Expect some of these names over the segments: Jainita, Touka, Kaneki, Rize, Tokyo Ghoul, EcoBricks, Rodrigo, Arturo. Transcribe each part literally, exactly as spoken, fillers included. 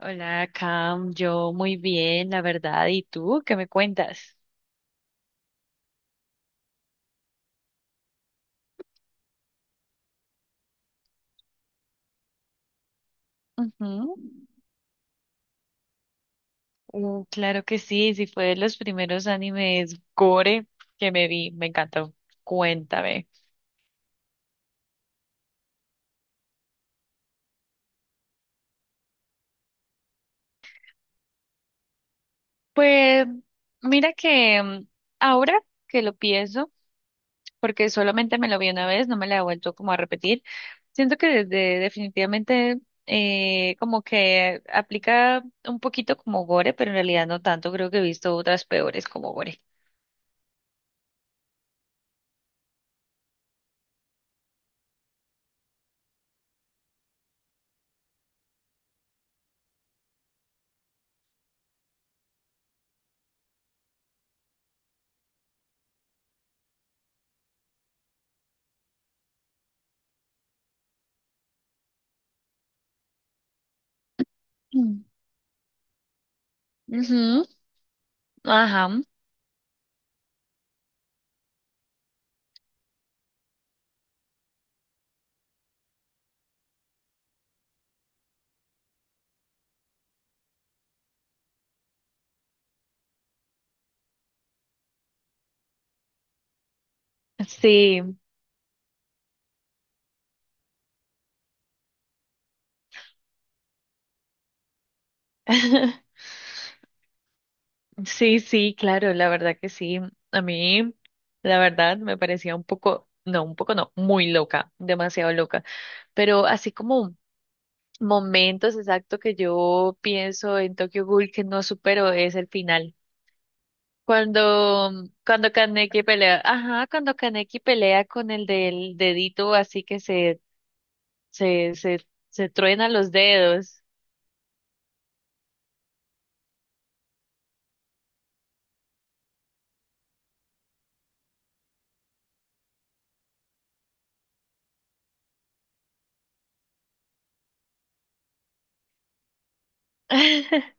Hola, Cam. Yo muy bien, la verdad. ¿Y tú qué me cuentas? Ujú. Uh, claro que sí, sí fue de los primeros animes gore que me vi. Me encantó. Cuéntame. Pues mira que mm, ahora que lo pienso, porque solamente me lo vi una vez, no me la he vuelto como a repetir. Siento que desde definitivamente eh, como que aplica un poquito como gore, pero en realidad no tanto. Creo que he visto otras peores como gore. Ujú. Ajá. Sí. Sí, sí, claro, la verdad que sí. A mí, la verdad, me parecía un poco, no, un poco no, muy loca, demasiado loca. Pero así como momentos exactos que yo pienso en Tokyo Ghoul que no supero es el final. Cuando, cuando Kaneki pelea, ajá, cuando Kaneki pelea con el del dedito así que se, se, se, se truena los dedos.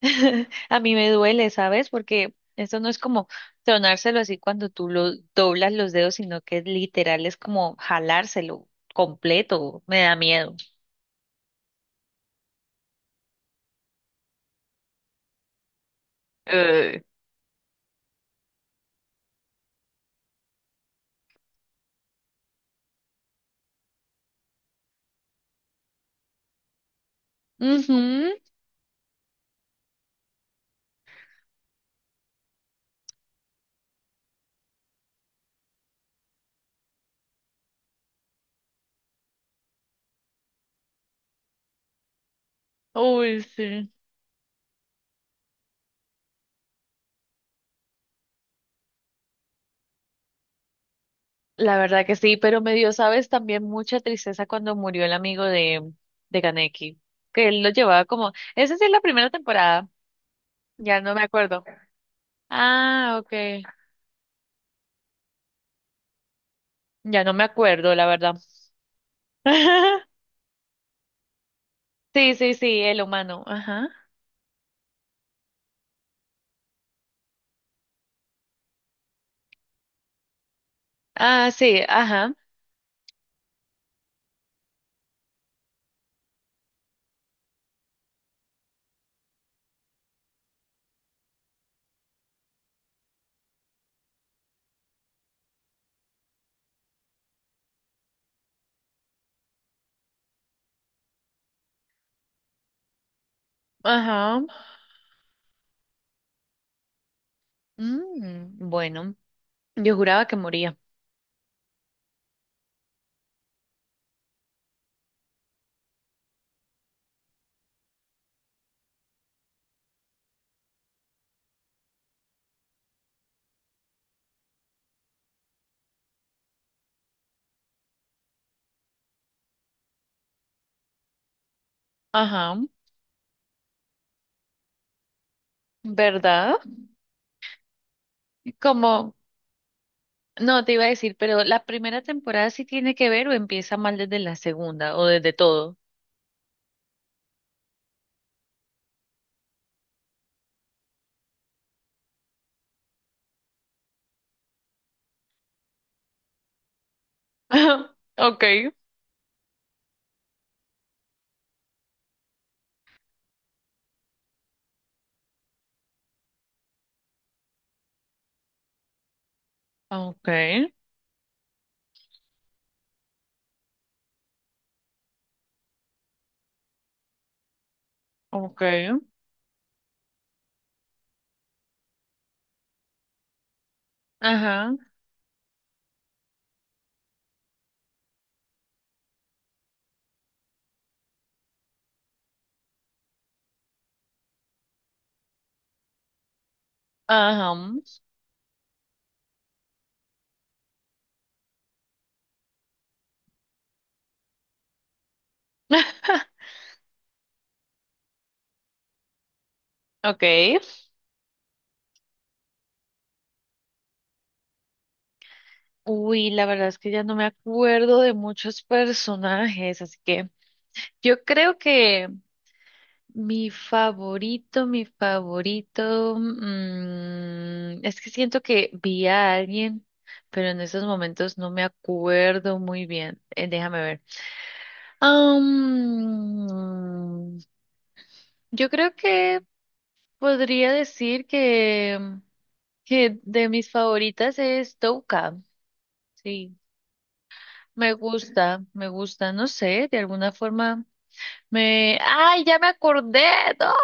A mí me duele, ¿sabes? Porque esto no es como tronárselo así cuando tú lo doblas los dedos, sino que literal es como jalárselo completo. Me da miedo. Eh, Ujú. Uy, sí. La verdad que sí, pero me dio, ¿sabes? También mucha tristeza cuando murió el amigo de, de Kaneki, que él lo llevaba como, esa sí es la primera temporada, ya no me acuerdo. Ah, ok. Ya no me acuerdo, la verdad. Sí, sí, sí, el humano. Ajá. Ah, sí, ajá, ajá. Mm, bueno, yo juraba que moría. Ajá, ¿verdad? Como, no te iba a decir, pero la primera temporada sí tiene que ver o empieza mal desde la segunda o desde todo. Okay, okay, okay. Ajá, ajá. Okay. Uy, la verdad es que ya no me acuerdo de muchos personajes, así que yo creo que mi favorito, mi favorito, mm, es que siento que vi a alguien, pero en estos momentos no me acuerdo muy bien. Eh, déjame ver. Am, yo creo que podría decir que, que de mis favoritas es Touka. Sí, me gusta, me gusta, no sé, de alguna forma me... ¡Ay, ya me acordé! ¡No!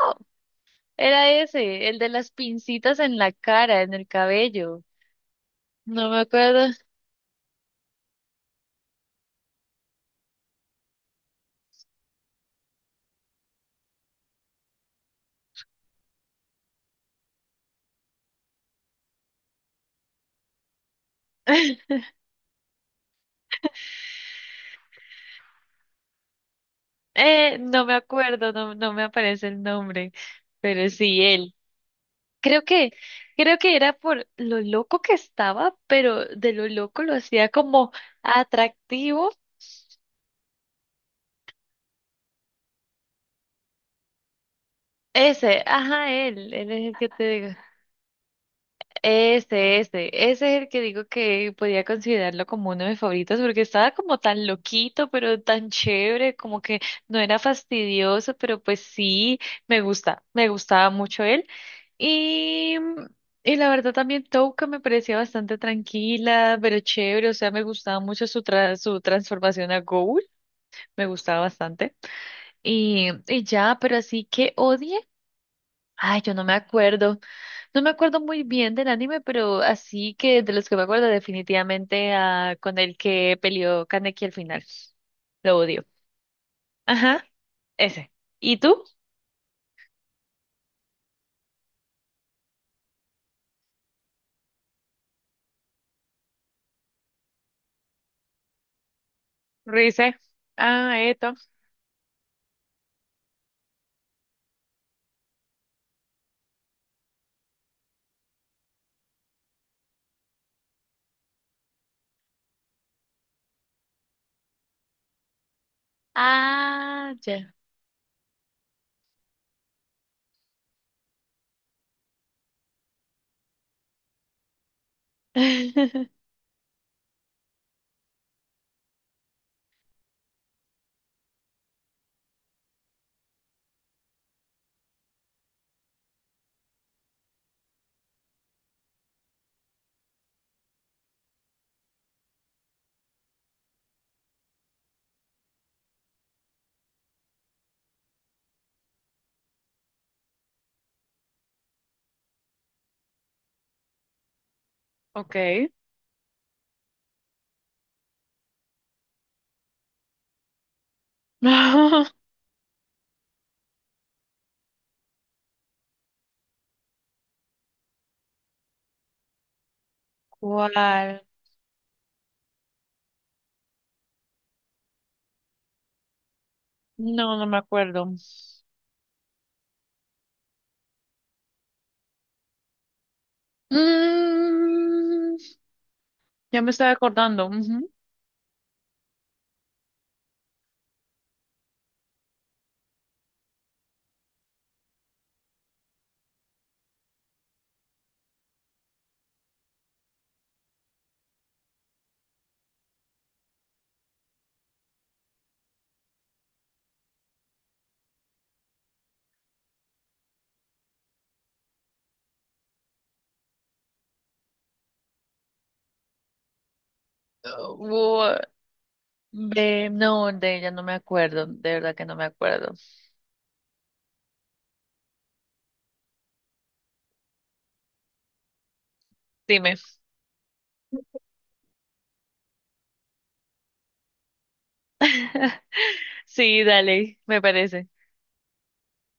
Era ese, el de las pincitas en la cara, en el cabello. No me acuerdo. Eh, no me acuerdo, no, no me aparece el nombre, pero sí él. Creo que, creo que era por lo loco que estaba, pero de lo loco lo hacía como atractivo. Ese, ajá, él, él es el que te digo. Este, este, ese es el que digo que podía considerarlo como uno de mis favoritos porque estaba como tan loquito, pero tan chévere, como que no era fastidioso, pero pues sí, me gusta, me gustaba mucho él. Y, y la verdad también Touka me parecía bastante tranquila, pero chévere, o sea, me gustaba mucho su, tra- su transformación a Ghoul, me gustaba bastante. Y, y ya, pero así que odie, ay, yo no me acuerdo. No me acuerdo muy bien del anime, pero así que de los que me acuerdo definitivamente ah, con el que peleó Kaneki al final. Lo odio. Ajá, ese. ¿Y tú? Rize. Ah, esto. Ah, ya. Ok. No, ¿cuál? No, no me acuerdo. Mm, ya me estaba acordando. Ujú. Uh, de, no, de ella no me acuerdo. De verdad que no me acuerdo. Dime. Sí, dale, me parece.